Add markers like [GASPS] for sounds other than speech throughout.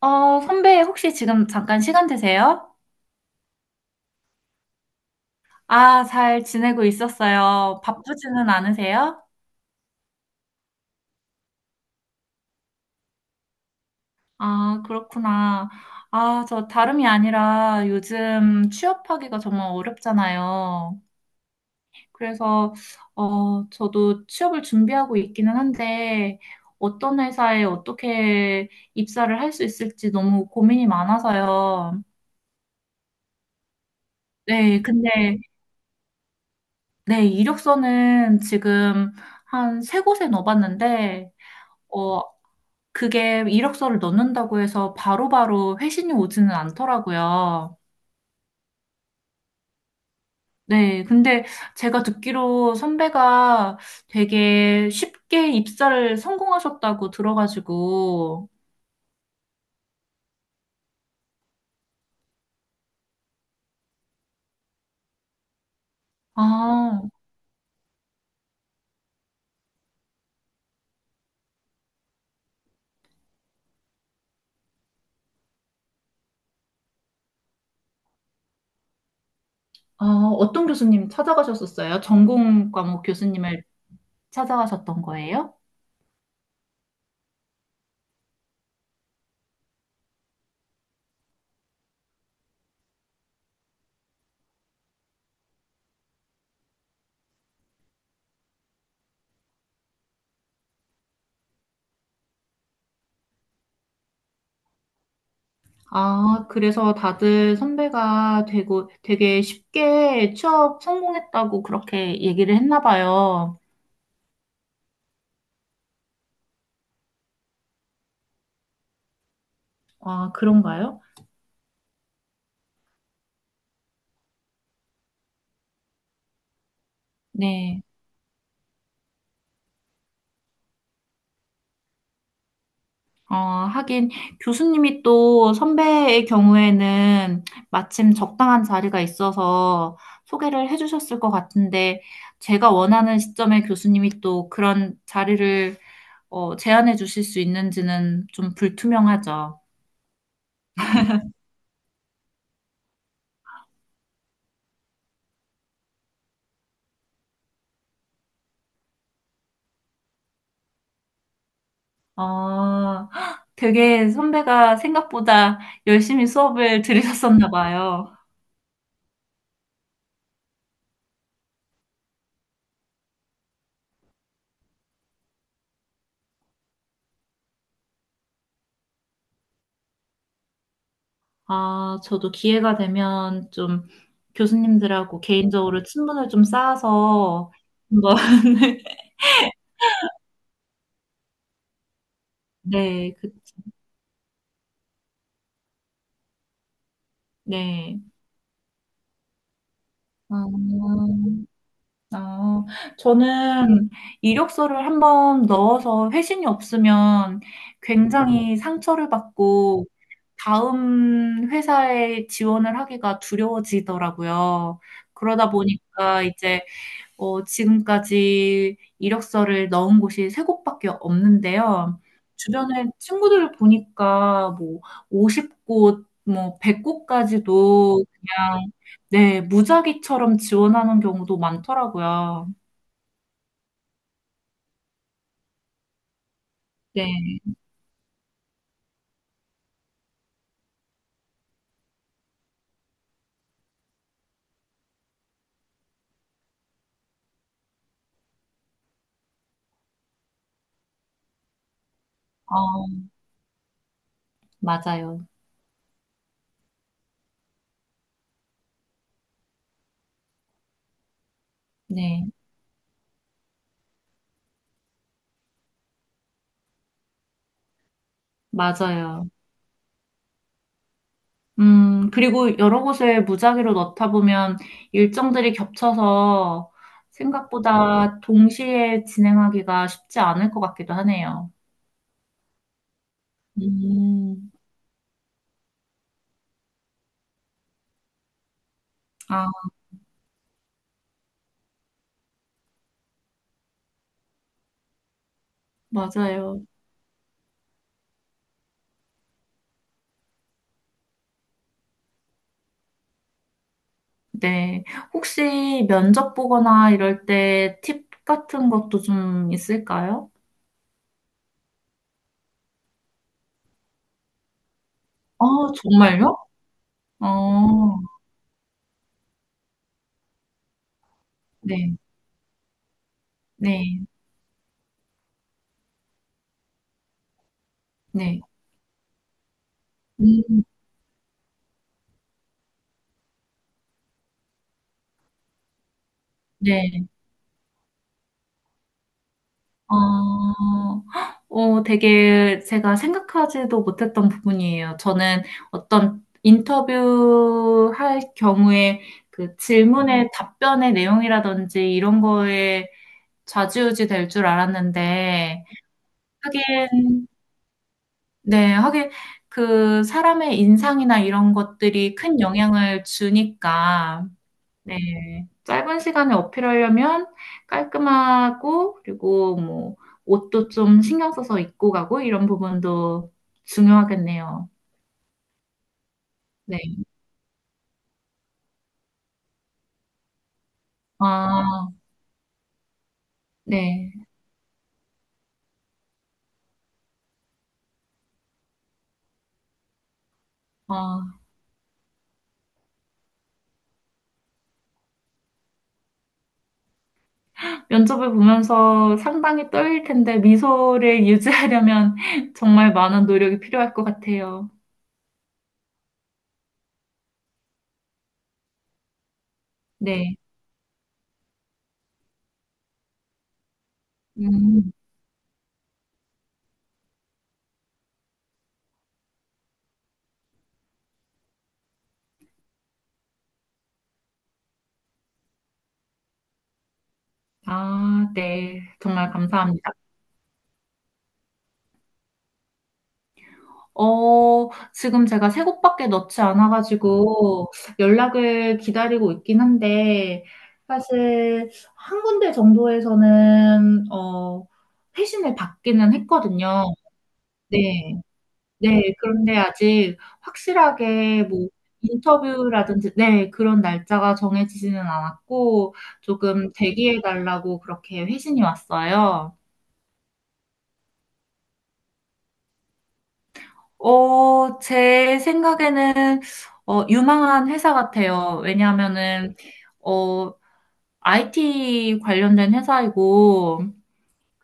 선배, 혹시 지금 잠깐 시간 되세요? 아, 잘 지내고 있었어요. 바쁘지는 않으세요? 아, 그렇구나. 아, 저 다름이 아니라 요즘 취업하기가 정말 어렵잖아요. 그래서, 저도 취업을 준비하고 있기는 한데, 어떤 회사에 어떻게 입사를 할 수 있을지 너무 고민이 많아서요. 네, 근데, 네, 이력서는 지금 한 세 곳에 넣어봤는데, 어, 그게 이력서를 넣는다고 해서 바로바로 회신이 오지는 않더라고요. 네, 근데 제가 듣기로 선배가 되게 쉽게 입사를 성공하셨다고 들어가지고, 아, 아, 어떤 교수님 찾아가셨었어요? 전공 과목 교수님을 찾아가셨던 거예요? 아, 그래서 다들 선배가 되고 되게 쉽게 취업 성공했다고 그렇게 얘기를 했나 봐요. 아, 그런가요? 네. 하긴 교수님이 또 선배의 경우에는 마침 적당한 자리가 있어서 소개를 해주셨을 것 같은데 제가 원하는 시점에 교수님이 또 그런 자리를 제안해 주실 수 있는지는 좀 불투명하죠. 어, [GASPS] 되게 선배가 생각보다 열심히 수업을 들으셨었나 봐요. 아, 저도 기회가 되면 좀 교수님들하고 개인적으로 친분을 좀 쌓아서 한번 [LAUGHS] 네, 그, 네. 아, 아, 저는 이력서를 한번 넣어서 회신이 없으면 굉장히 상처를 받고 다음 회사에 지원을 하기가 두려워지더라고요. 그러다 보니까 이제 지금까지 이력서를 넣은 곳이 세 곳밖에 없는데요. 주변에 친구들을 보니까 뭐 50곳, 뭐 100곳까지도 그냥 네, 무작위처럼 지원하는 경우도 많더라고요. 네. 어, 맞아요. 네, 맞아요. 그리고 여러 곳에 무작위로 넣다 보면 일정들이 겹쳐서 생각보다 동시에 진행하기가 쉽지 않을 것 같기도 하네요. 음, 아, 맞아요. 네. 혹시 면접 보거나 이럴 때 팁 같은 것도 좀 있을까요? 아, 정말요? 어, 네, 네, 네. 음, 네. 어, 되게 제가 생각하지도 못했던 부분이에요. 저는 어떤 인터뷰 할 경우에 그 질문의 답변의 내용이라든지 이런 거에 좌지우지 될 줄 알았는데, 하긴, 네, 하긴, 그, 사람의 인상이나 이런 것들이 큰 영향을 주니까, 네. 짧은 시간에 어필하려면 깔끔하고, 그리고 뭐, 옷도 좀 신경 써서 입고 가고, 이런 부분도 중요하겠네요. 네. 아, 네. 아, 면접을 보면서 상당히 떨릴 텐데, 미소를 유지하려면 [LAUGHS] 정말 많은 노력이 필요할 것 같아요. 네. 음. 아, 네. 정말 감사합니다. 지금 제가 세 곡밖에 넣지 않아가지고 연락을 기다리고 있긴 한데, 사실 한 군데 정도에서는, 회신을 받기는 했거든요. 네. 네. 그런데 아직 확실하게 뭐, 인터뷰라든지, 네, 그런 날짜가 정해지지는 않았고, 조금 대기해 달라고 그렇게 회신이 왔어요. 제 생각에는, 유망한 회사 같아요. 왜냐하면은, 어, IT 관련된 회사이고,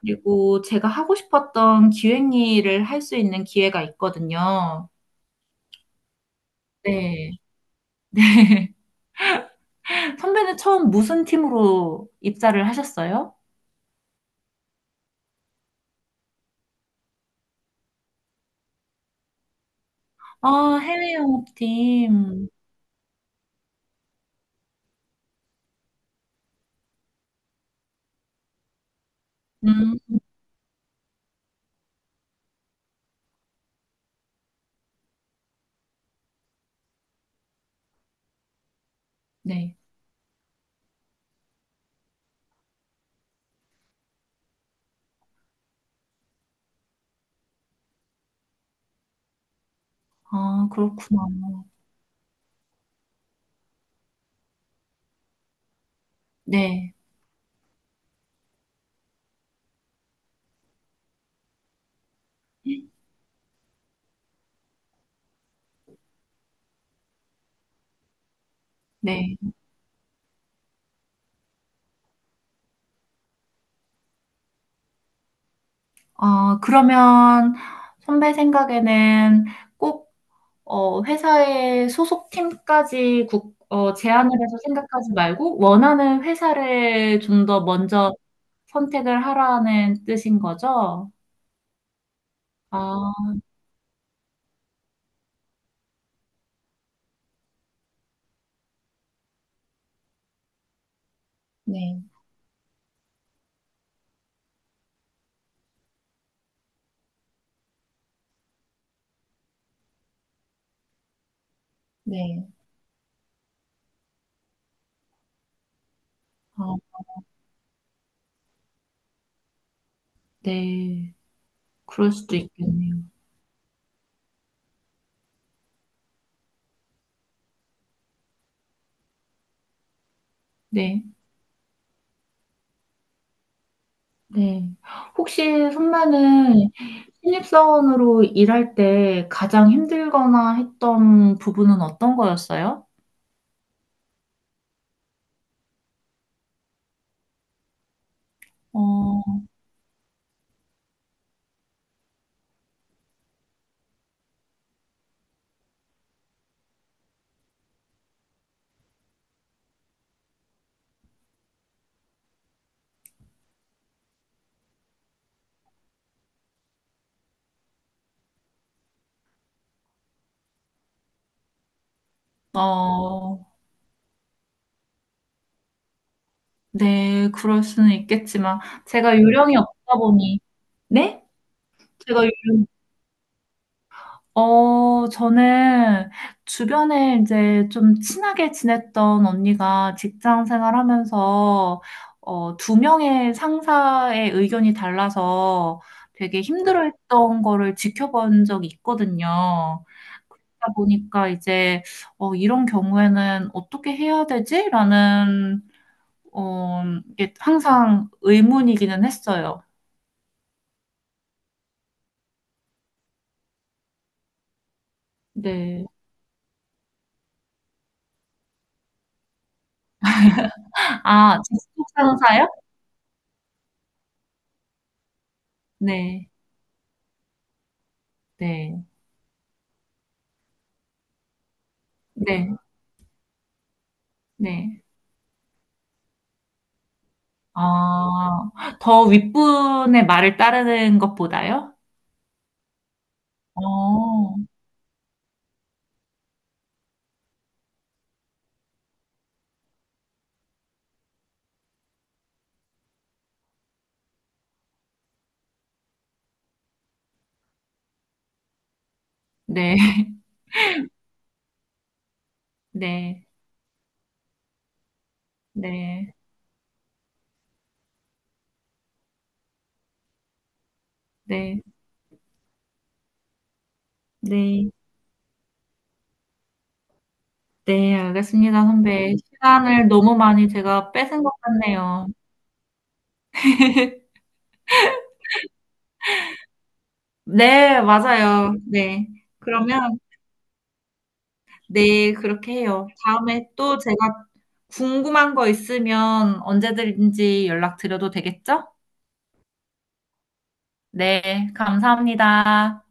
그리고 제가 하고 싶었던 기획 일을 할 수 있는 기회가 있거든요. 네. 네. [LAUGHS] 선배는 처음 무슨 팀으로 입사를 하셨어요? 아, 해외 영업팀. 음, 네. 아, 그렇구나. 네. 네. 아, 그러면 선배 생각에는 꼭 회사의 소속팀까지 제안을 해서 생각하지 말고 원하는 회사를 좀 더 먼저 선택을 하라는 뜻인 거죠? 아, 네, 네. 아, 네. 그럴 수도 있겠네요. 네, 네. 혹시 선배는 신입사원으로 일할 때 가장 힘들거나 했던 부분은 어떤 거였어요? 어, 어, 네, 그럴 수는 있겠지만 제가 요령이 없다 보니 네? 제가, 유- 저는 주변에 이제 좀 친하게 지냈던 언니가 직장 생활하면서, 2명의 상사의 의견이 달라서 되게 힘들어했던 거를 지켜본 적이 있거든요. 그러다 보니까 이제, 이런 경우에는 어떻게 해야 되지? 라는, 어, 이게 항상 의문이기는 했어요. 네. 아, 직속 상사요? 네. 네. 네. 네. 아, 더 윗분의 말을 따르는 것보다요? 어, 네, [LAUGHS] 네, 네, 네, 네, 네, 알겠습니다, 선배. 시간을 너무 많이 제가 뺏은 것 같네요. 네, 맞아요. 네. 그러면, 네, 그렇게 해요. 다음에 또 제가 궁금한 거 있으면 언제든지 연락드려도 되겠죠? 네, 감사합니다.